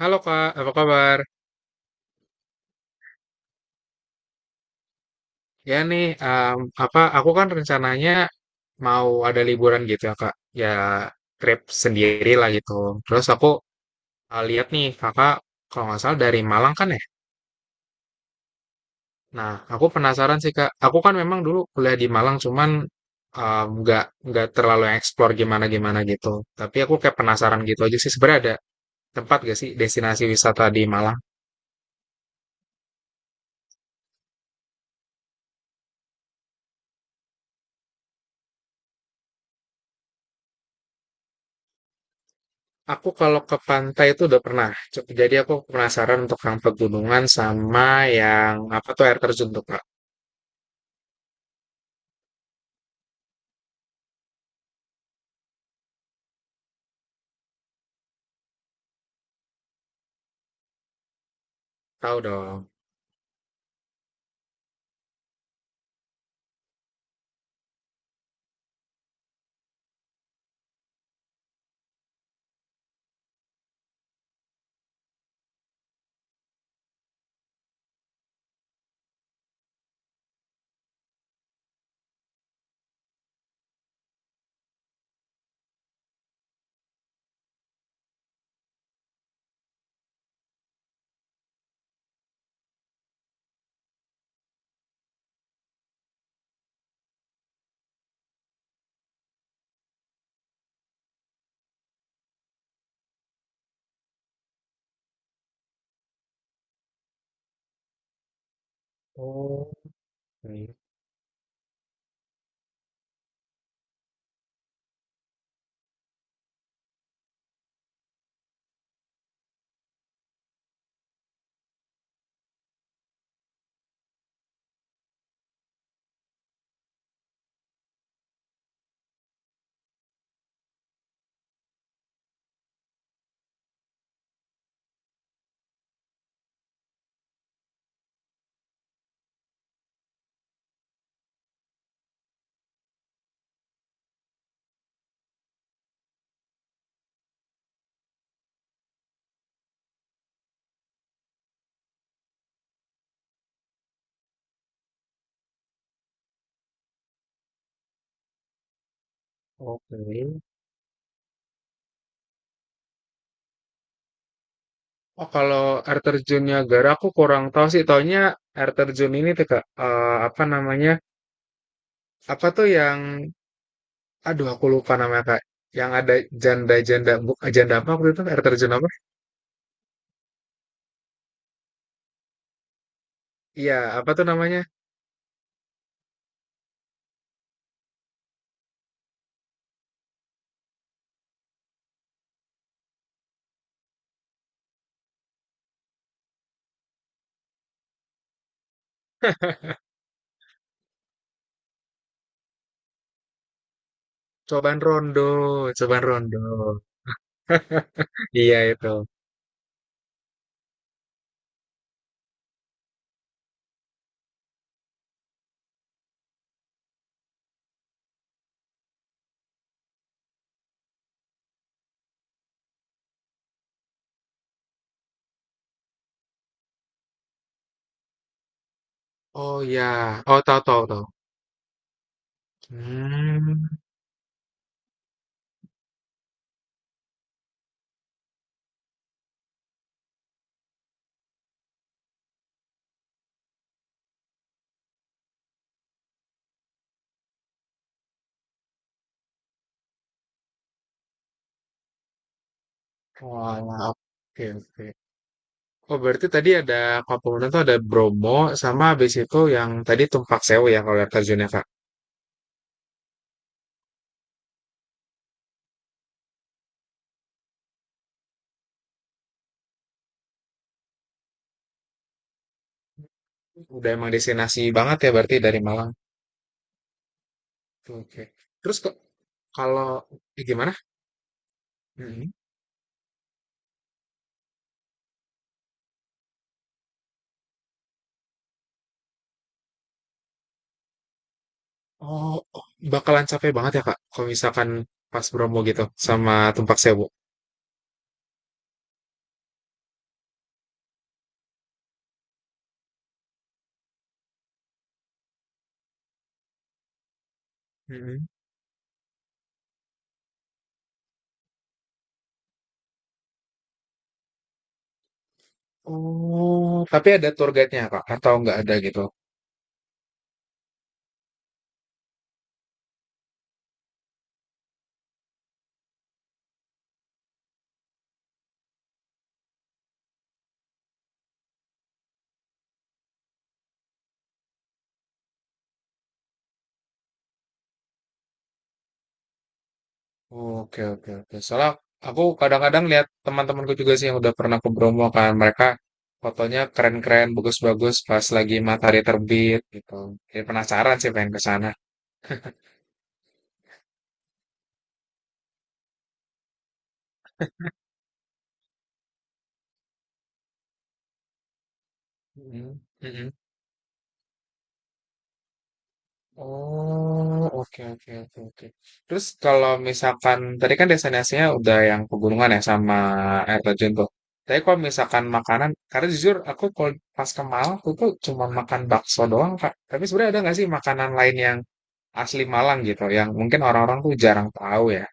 Halo Kak, apa kabar? Ya nih, apa aku kan rencananya mau ada liburan gitu ya Kak. Ya trip sendiri lah gitu. Terus aku lihat nih Kakak kalau nggak salah dari Malang kan ya. Nah, aku penasaran sih Kak. Aku kan memang dulu kuliah di Malang, cuman em, nggak nggak terlalu explore gimana gimana gitu. Tapi aku kayak penasaran gitu aja sih. Sebenarnya ada tempat gak sih destinasi wisata di Malang? Aku kalau ke pantai itu udah pernah. Jadi aku penasaran untuk yang pegunungan sama yang apa tuh air terjun tuh Kak. Tahu dong. Oh, oke. Oke. Oh, kalau air terjun Niagara aku kurang tahu sih. Taunya air terjun ini tuh Kak. Apa namanya? Apa tuh yang aduh aku lupa namanya Kak. Yang ada janda apa waktu itu air terjun apa? Iya, apa tuh namanya? Cobaan Rondo, Cobaan Rondo. Iya itu. Oh ya, oh tahu tahu tahu. Hmm, walah, oke oke. Oh berarti tadi ada Kapolda tuh ada Bromo sama habis itu yang tadi Tumpak Sewu ya kalau air terjunnya Kak. Udah emang destinasi banget ya berarti dari Malang. Oke. Terus kok kalau gimana? Mm-mm. Oh, oh, bakalan capek banget ya Kak kalau misalkan pas Bromo gitu sama Tumpak Sewu. Mm-mm. Oh, tapi ada tour guide-nya Kak atau nggak ada gitu? Oke, oke, oke. Soalnya aku kadang-kadang lihat teman-temanku juga sih yang udah pernah ke Bromo kan. Mereka fotonya keren-keren, bagus-bagus pas lagi matahari terbit gitu. Jadi penasaran sih pengen ke sana. Mm-mm, mm-mm. Oh, oke, oke, oke, oke. Terus kalau misalkan tadi kan destinasinya udah yang pegunungan ya sama air terjun tuh. Tapi kalau misalkan makanan, karena jujur aku kalau pas ke Malang aku tuh cuma makan bakso doang, Kak. Tapi sebenarnya ada nggak sih makanan lain yang asli Malang gitu yang mungkin orang-orang tuh jarang tahu ya.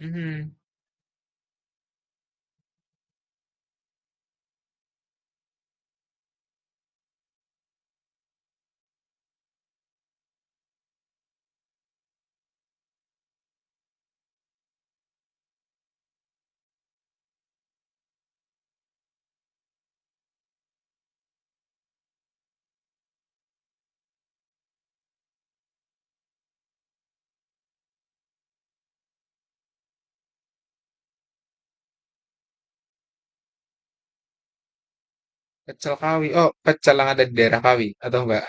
Hmm, pecel Kawi. Oh, pecel yang ada di daerah Kawi atau enggak?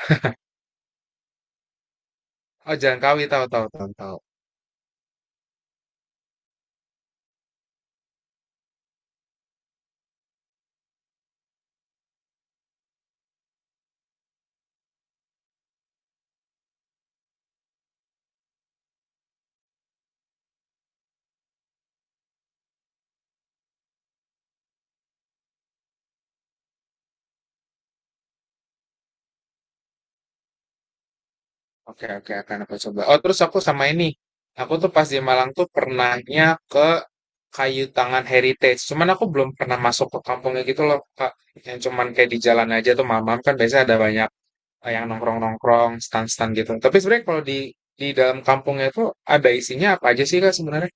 Oh, Jalan Kawi tahu tahu tahu tahu. Oke oke akan aku coba. Oh, terus aku sama ini. Aku tuh pas di Malang tuh pernahnya ke Kayu Tangan Heritage. Cuman aku belum pernah masuk ke kampungnya gitu loh, Kak. Yang cuman kayak di jalan aja tuh mamam kan biasanya ada banyak yang nongkrong-nongkrong, stand-stand gitu. Tapi sebenarnya kalau di dalam kampungnya itu ada isinya apa aja sih Kak sebenarnya?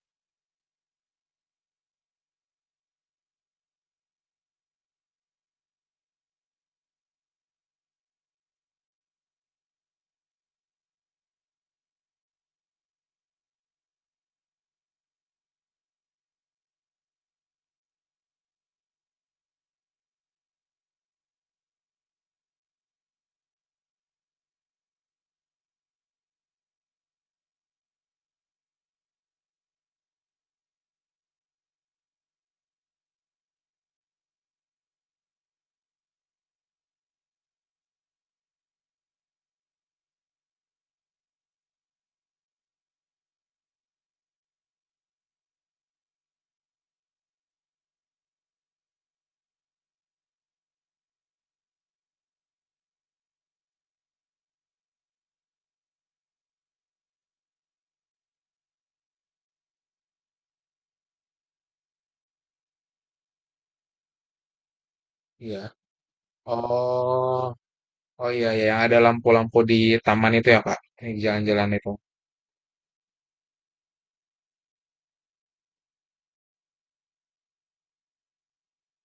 Iya. Oh. Oh iya, iya, yang ada lampu-lampu di taman itu ya, Kak? Yang jalan-jalan itu.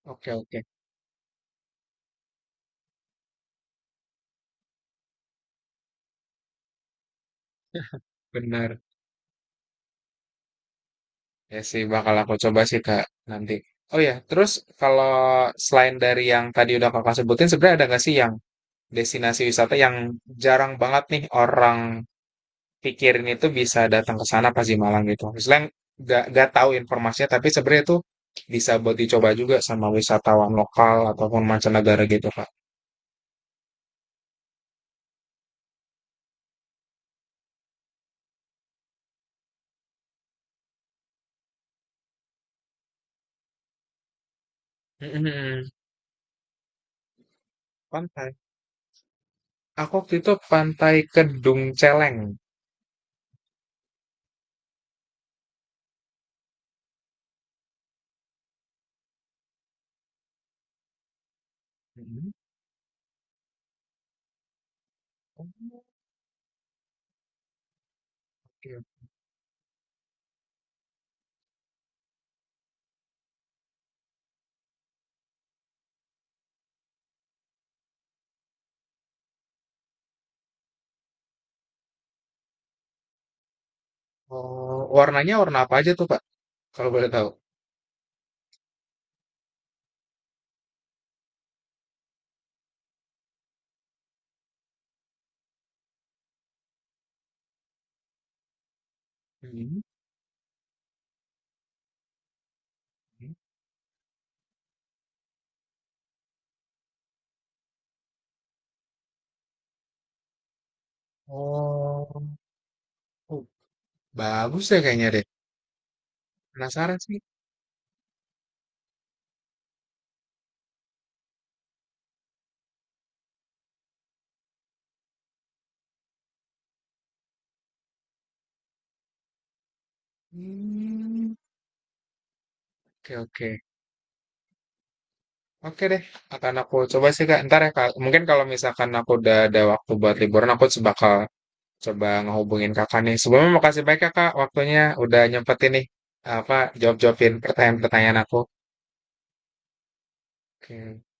Oke, oke. Benar. Ya sih, bakal aku coba sih, Kak, nanti. Oh iya, terus kalau selain dari yang tadi udah Kakak sebutin, sebenarnya ada nggak sih yang destinasi wisata yang jarang banget nih orang pikirin itu bisa datang ke sana pas di Malang gitu? Misalnya nggak tahu informasinya, tapi sebenarnya itu bisa buat dicoba juga sama wisatawan lokal ataupun mancanegara gitu, Kak. Mm-mm. Pantai. Aku waktu itu Pantai Kedung Celeng. Mhm. Oke. Oh, warnanya warna apa aja tuh, Pak? Kalau boleh tahu. Mhm. Mhm. Oh, oh, bagus ya kayaknya deh. Penasaran sih. Hmm, oke oke. Oke deh, akan aku coba sih Kak. Ntar ya Kak. Mungkin kalau misalkan aku udah ada waktu buat liburan, bakal coba ngehubungin Kakak nih. Sebelumnya makasih banyak ya Kak, waktunya udah nyempetin nih apa jawab-jawabin pertanyaan-pertanyaan aku. Oke.